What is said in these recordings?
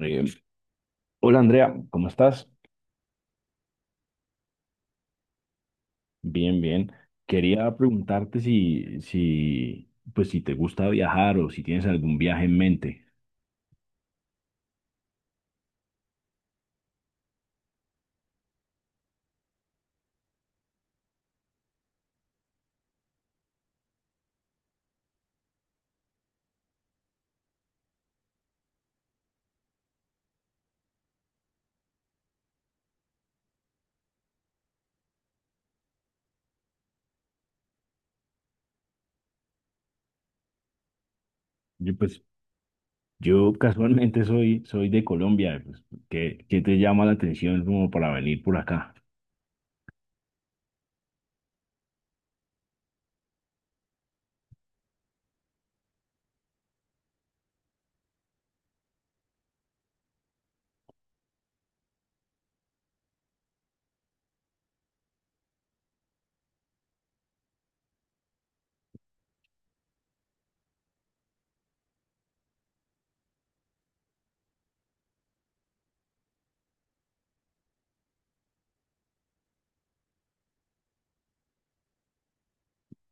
Eh, Hola Andrea, ¿cómo estás? Bien, bien. Quería preguntarte si te gusta viajar o si tienes algún viaje en mente. Yo, pues, yo casualmente soy de Colombia. Pues, ¿qué te llama la atención como para venir por acá?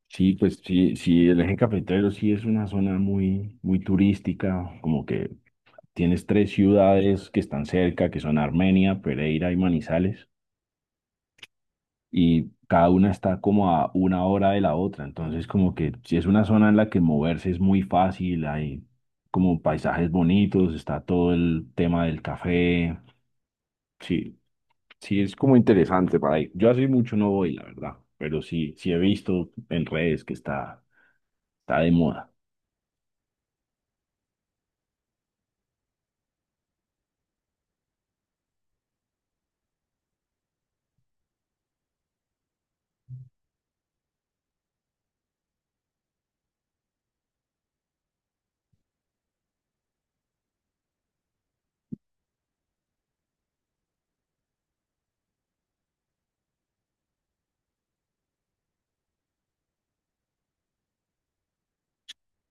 Sí, pues sí, sí, el eje cafetero sí es una zona muy, muy turística, como que tienes tres ciudades que están cerca, que son Armenia, Pereira y Manizales, y cada una está como a una hora de la otra. Entonces, como que si es una zona en la que moverse es muy fácil, hay como paisajes bonitos, está todo el tema del café. Sí, sí, es como interesante para ir. Yo hace mucho no voy, la verdad, pero sí, sí he visto en redes que está de moda.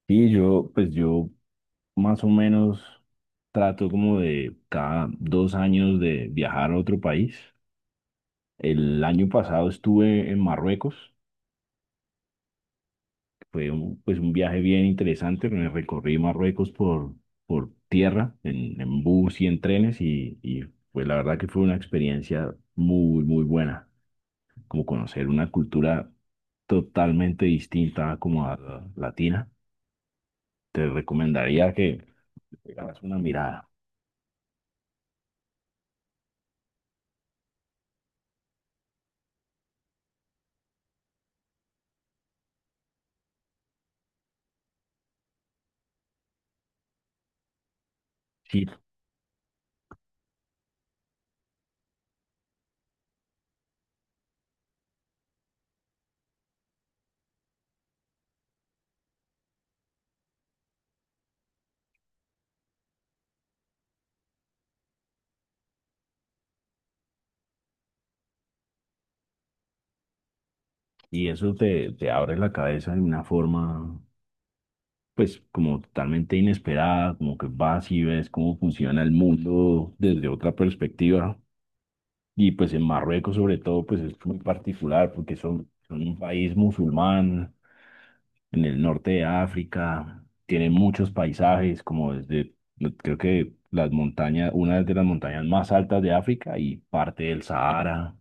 Yo más o menos trato como de cada dos años de viajar a otro país. El año pasado estuve en Marruecos, pues un viaje bien interesante, me recorrí Marruecos por tierra, en bus y en trenes y pues la verdad que fue una experiencia muy, muy buena, como conocer una cultura totalmente distinta como a la latina. Te recomendaría que le hagas una mirada. Si Y eso te abre la cabeza de una forma, pues, como totalmente inesperada, como que vas y ves cómo funciona el mundo desde otra perspectiva. Y pues en Marruecos, sobre todo, pues es muy particular porque son un país musulmán en el norte de África, tienen muchos paisajes, como desde, creo que las montañas, una de las montañas más altas de África y parte del Sahara.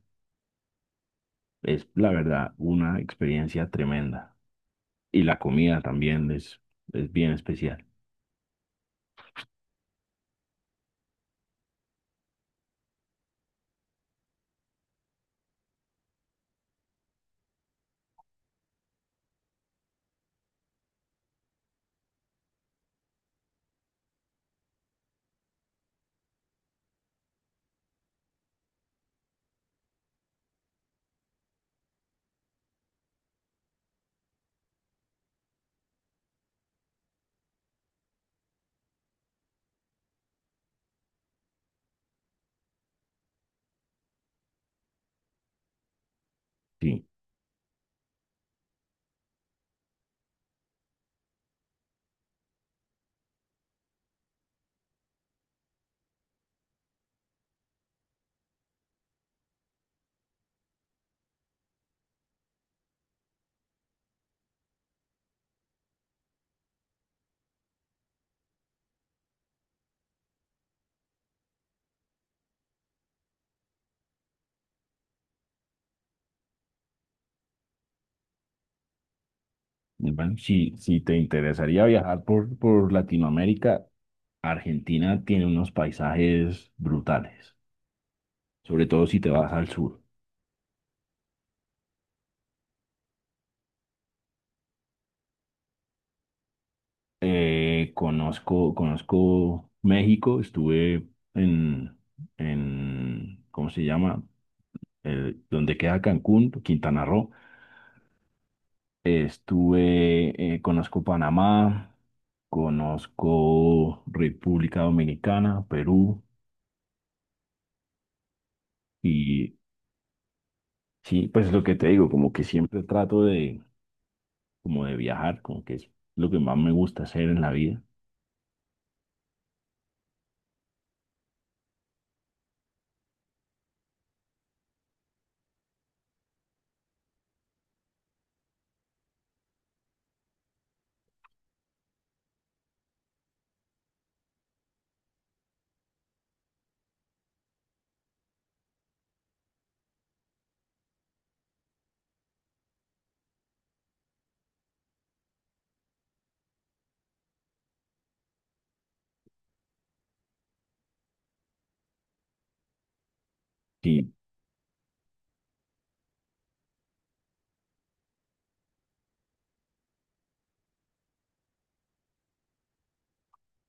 Es la verdad una experiencia tremenda. Y la comida también es bien especial. Sí. Y bueno, si, si te interesaría viajar por Latinoamérica, Argentina tiene unos paisajes brutales, sobre todo si te vas al sur. Conozco México, estuve en, en, ¿cómo se llama? El- donde queda Cancún, Quintana Roo. Estuve, conozco Panamá, conozco República Dominicana, Perú. Y sí, pues lo que te digo, como que siempre como de viajar, como que es lo que más me gusta hacer en la vida. Sí,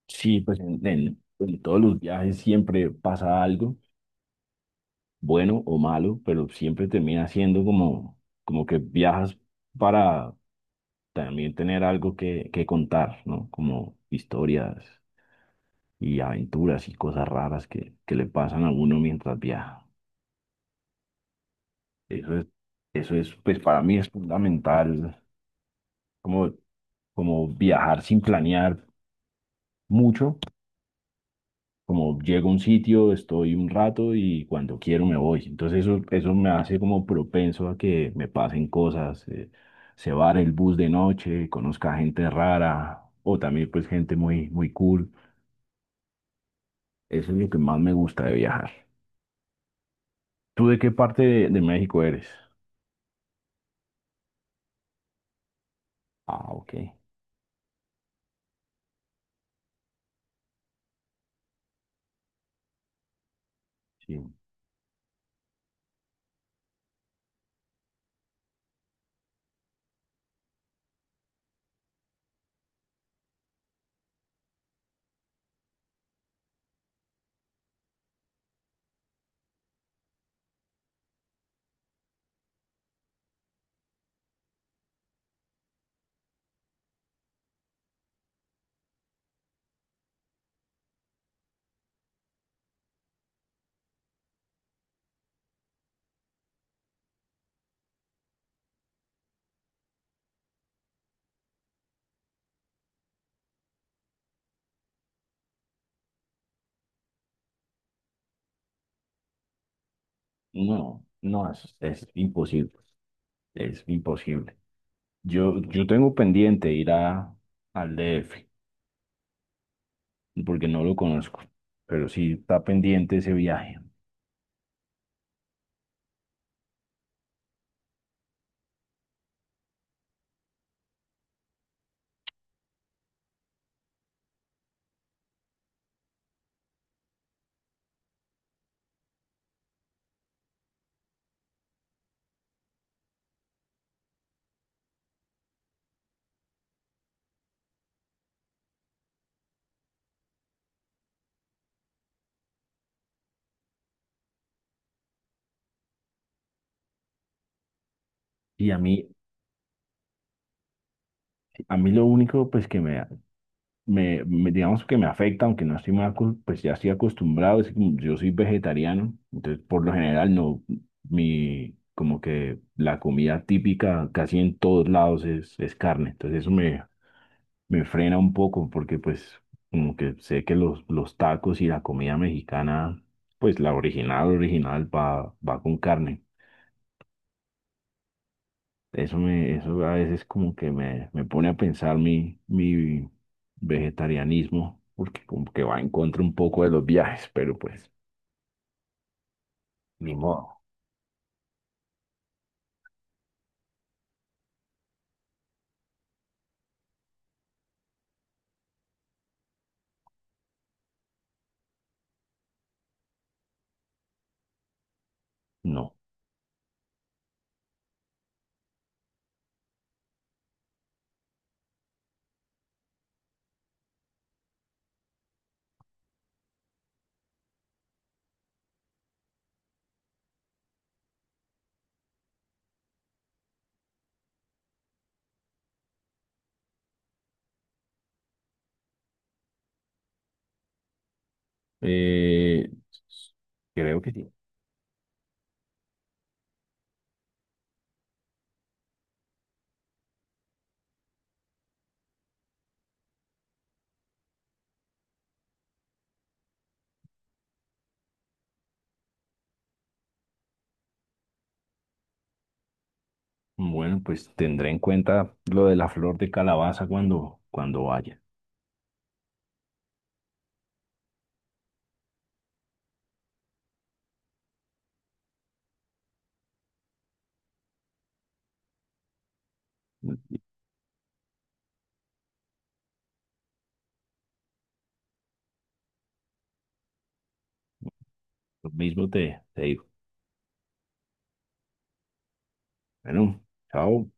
sí, pues en todos los viajes siempre pasa algo, bueno o malo, pero siempre termina siendo como, como que viajas para también tener algo que contar, ¿no? Como historias y aventuras y cosas raras que le pasan a uno mientras viaja. Eso es, eso es, pues para mí es fundamental como, como viajar sin planear mucho, como llego a un sitio, estoy un rato y cuando quiero me voy. Entonces eso me hace como propenso a que me pasen cosas, se vare el bus de noche, conozca gente rara o también pues gente muy, muy cool. Eso es lo que más me gusta de viajar. ¿Tú de qué parte de México eres? Ah, ok. Sí. No, no, es imposible, es imposible. Yo tengo pendiente ir a, al D F, porque no lo conozco, pero sí está pendiente ese viaje. Y a mí, a mí lo único, pues que me- digamos que me afecta, aunque no estoy mal, acos- pues ya estoy acostumbrado, es que como yo soy vegetariano, entonces por lo general no, mi, como que la comida típica casi en todos lados es carne, entonces me frena un poco, porque pues como que sé que los tacos y la comida mexicana, pues la original, original va con carne. Eso a veces como que me pone a pensar mi vegetarianismo, porque como que va en contra un poco de los viajes, pero pues, ni modo, no. Eh, Creo que sí. Bueno, pues tendré en cuenta lo de la flor de calabaza cuando vaya. Lo mismo te digo. Bueno, chao.